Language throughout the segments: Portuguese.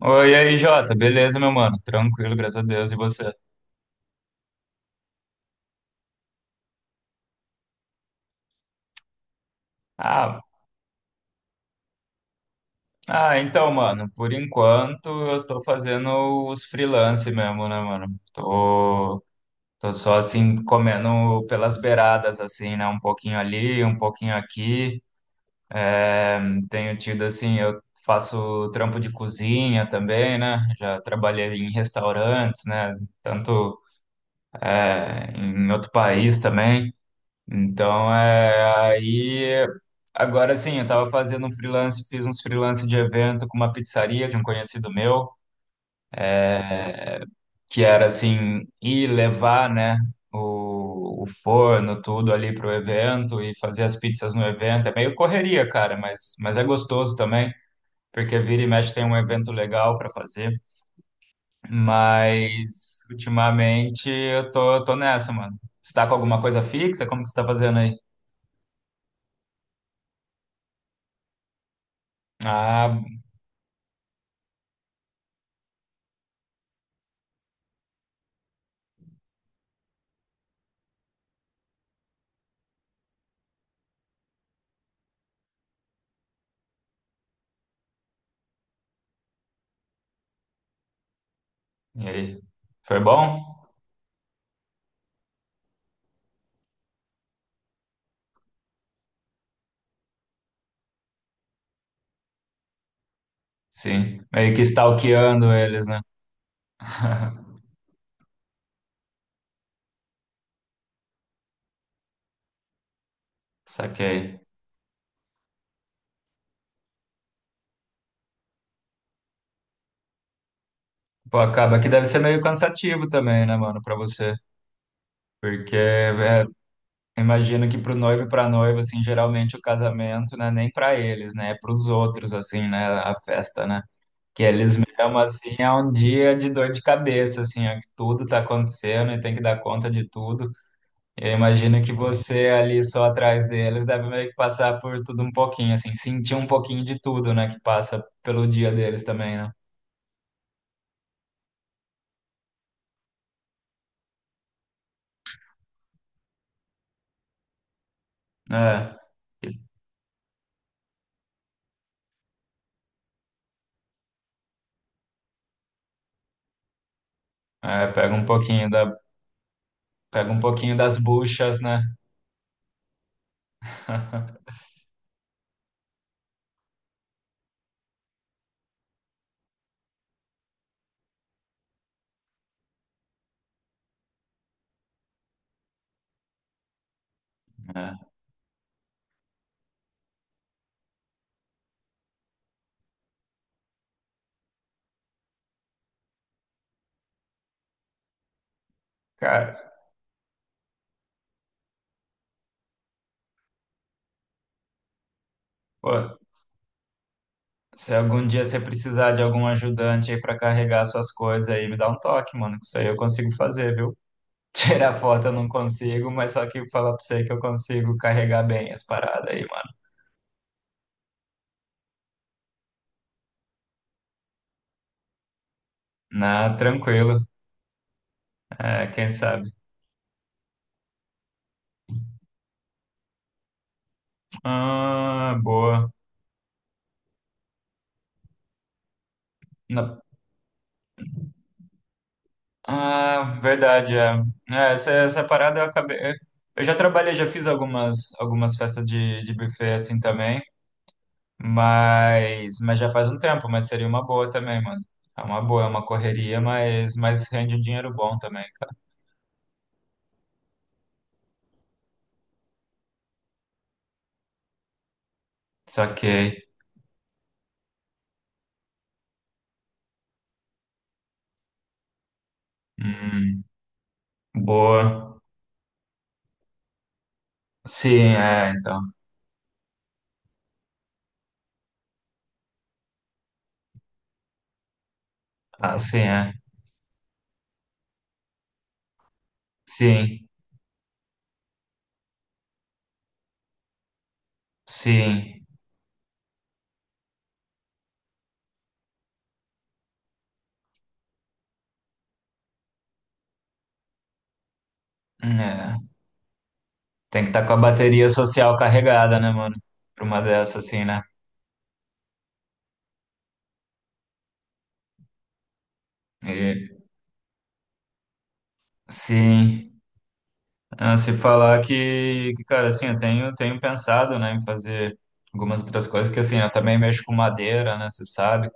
Oi, e aí, Jota, beleza, meu mano? Tranquilo, graças a Deus, e você? Ah, então, mano, por enquanto eu tô fazendo os freelance mesmo, né, mano? Tô, tô só assim, comendo pelas beiradas, assim, né? Um pouquinho ali, um pouquinho aqui. Tenho tido, assim, eu faço trampo de cozinha também, né? Já trabalhei em restaurantes, né? Tanto, em outro país também. Então, é, aí, agora sim, eu tava fazendo um freelance, fiz uns freelance de evento com uma pizzaria de um conhecido meu, que era assim, ir levar, né, o forno, tudo ali pro evento e fazer as pizzas no evento. É meio correria, cara, mas é gostoso também, porque vira e mexe tem um evento legal para fazer. Mas, ultimamente, eu tô, tô nessa, mano. Você tá com alguma coisa fixa? Como que você tá fazendo aí? Ah, e aí? Foi bom? Sim, meio que stalkeando eles, né? Saquei. Pô, acaba que deve ser meio cansativo também, né, mano, pra você. Porque é, imagino que pro noivo e pra noiva, assim, geralmente o casamento não é nem pra eles, né? É pros outros, assim, né? A festa, né? Que eles mesmo, assim, é um dia de dor de cabeça, assim, é que tudo tá acontecendo e tem que dar conta de tudo. Eu imagino que você ali só atrás deles deve meio que passar por tudo um pouquinho, assim, sentir um pouquinho de tudo, né, que passa pelo dia deles também, né? É, é, pega um pouquinho das buchas, né? É. Cara, pô, se algum dia você precisar de algum ajudante aí pra carregar suas coisas aí, me dá um toque, mano, que isso aí eu consigo fazer, viu? Tirar foto eu não consigo, mas só que falar pra você que eu consigo carregar bem as paradas aí, mano. Na, tranquilo. É, quem sabe. Ah, boa. Na- Ah, verdade, é. É, essa parada eu acabei. Eu já trabalhei, já fiz algumas festas de buffet assim também, mas já faz um tempo, mas seria uma boa também, mano. É uma boa, é uma correria, mas rende um dinheiro bom também. Saquei. Hum, boa. Sim, é, então. Ah, sim, é. Sim, sim. É. Tem que estar com a bateria social carregada, né, mano? Pra uma dessa, assim, né? Sim. Ah, se falar que, cara, assim, eu tenho pensado, né, em fazer algumas outras coisas, que assim, eu também mexo com madeira, né, você sabe,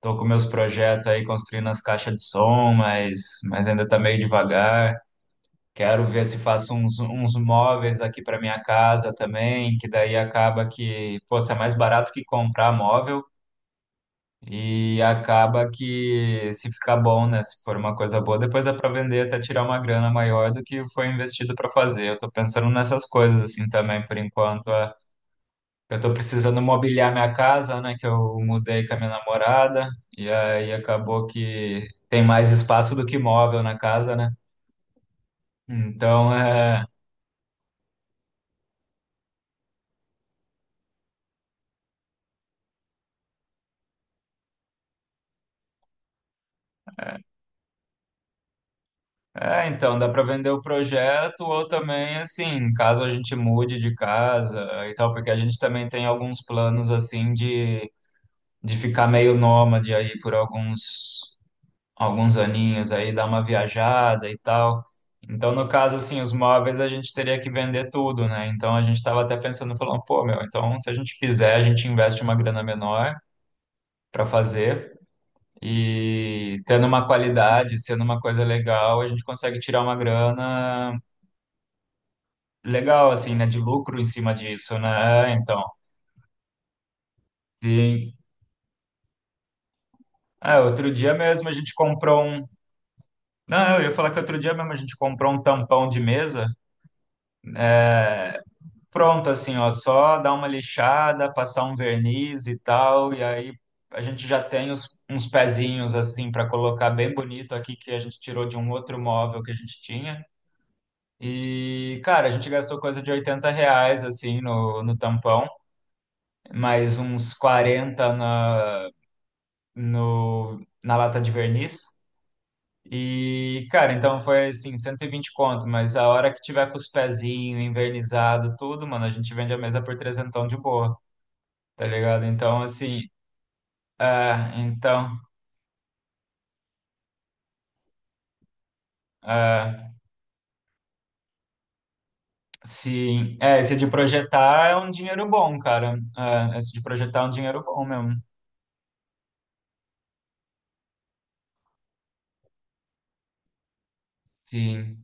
tô com meus projetos aí construindo as caixas de som, mas ainda tá meio devagar, quero ver se faço uns, uns móveis aqui para minha casa também, que daí acaba que, pô, se é mais barato que comprar móvel, e acaba que se ficar bom, né? Se for uma coisa boa, depois dá para vender até tirar uma grana maior do que foi investido para fazer. Eu tô pensando nessas coisas assim também por enquanto. É. Eu tô precisando mobiliar minha casa, né? Que eu mudei com a minha namorada e aí acabou que tem mais espaço do que móvel na casa, né? Então é, é, então dá para vender o projeto ou também assim, caso a gente mude de casa e tal, porque a gente também tem alguns planos assim de ficar meio nômade aí por alguns aninhos aí, dar uma viajada e tal. Então, no caso, assim, os móveis a gente teria que vender tudo, né? Então, a gente estava até pensando, falando, pô, meu, então se a gente fizer, a gente investe uma grana menor para fazer e tendo uma qualidade, sendo uma coisa legal, a gente consegue tirar uma grana legal, assim, né? De lucro em cima disso, né? É. Então, sim. É, outro dia mesmo a gente comprou um. Não, eu ia falar que outro dia mesmo a gente comprou um tampão de mesa, é, pronto assim, ó, só dar uma lixada, passar um verniz e tal, e aí a gente já tem uns pezinhos assim para colocar bem bonito aqui que a gente tirou de um outro móvel que a gente tinha. E, cara, a gente gastou coisa de R$ 80 assim no tampão, mais uns 40 na, no, na lata de verniz. E, cara, então foi assim, 120 conto, mas a hora que tiver com os pezinhos, invernizado, tudo, mano, a gente vende a mesa por trezentão de boa, tá ligado? Então, assim, ah, então, ah, sim, é, esse de projetar é um dinheiro bom, cara. Ah, esse de projetar é um dinheiro bom mesmo, sim.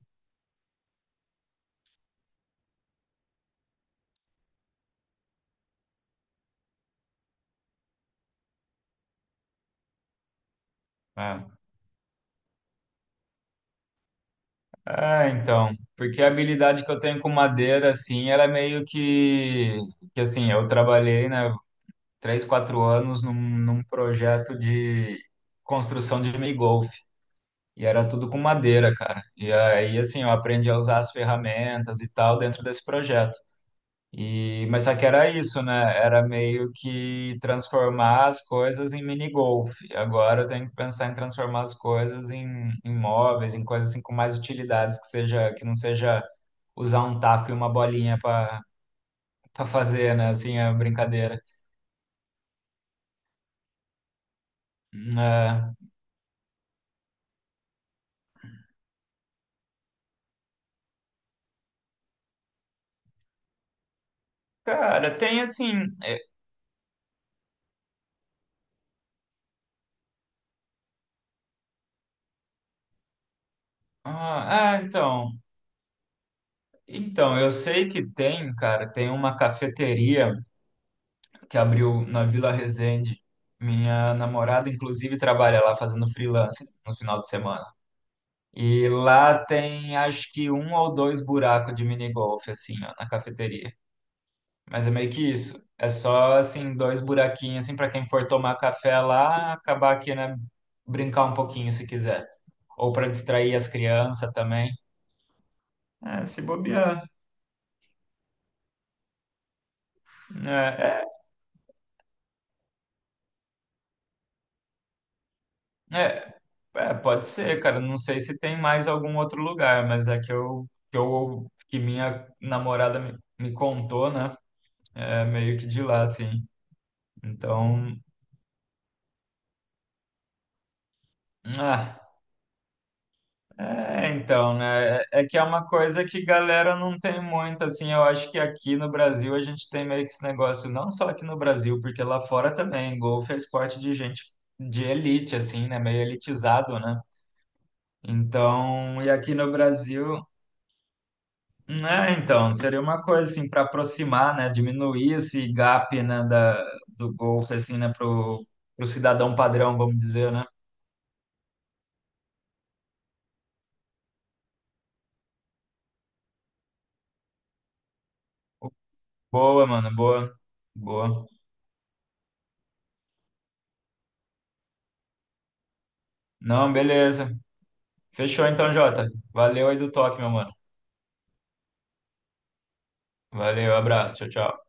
É. Ah, então, porque a habilidade que eu tenho com madeira, assim, ela é meio que assim, eu trabalhei, né? 3, 4 anos num projeto de construção de mini-golf. E era tudo com madeira, cara. E aí, assim, eu aprendi a usar as ferramentas e tal dentro desse projeto. E, mas só que era isso, né? Era meio que transformar as coisas em mini-golf. E agora eu tenho que pensar em transformar as coisas em móveis, em coisas assim com mais utilidades, que seja, que não seja usar um taco e uma bolinha para para fazer, né? Assim, a brincadeira. Ah, cara, tem assim. Ah, ah, então. Então, eu sei que tem, cara, tem uma cafeteria que abriu na Vila Resende. Minha namorada, inclusive, trabalha lá fazendo freelance no final de semana. E lá tem acho que um ou dois buracos de minigolf, assim, ó, na cafeteria. Mas é meio que isso. É só, assim, dois buraquinhos, assim, para quem for tomar café lá, acabar aqui, né, brincar um pouquinho se quiser. Ou para distrair as crianças também. É, se bobear. Né? É. É, É, pode ser, cara. Não sei se tem mais algum outro lugar, mas é que que minha namorada me contou, né? É meio que de lá, assim. Então, ah, é, então, né? É, é que é uma coisa que galera não tem muito, assim. Eu acho que aqui no Brasil a gente tem meio que esse negócio, não só aqui no Brasil, porque lá fora também. Golfe é esporte de gente de elite, assim, né? Meio elitizado, né? Então, e aqui no Brasil. É, então, seria uma coisa assim para aproximar, né, diminuir esse gap, né, do Golf assim, né, pro cidadão padrão, vamos dizer, né? Boa, mano, boa. Boa. Não, beleza. Fechou então, Jota. Valeu aí do toque, meu mano. Valeu, abraço. Tchau, tchau.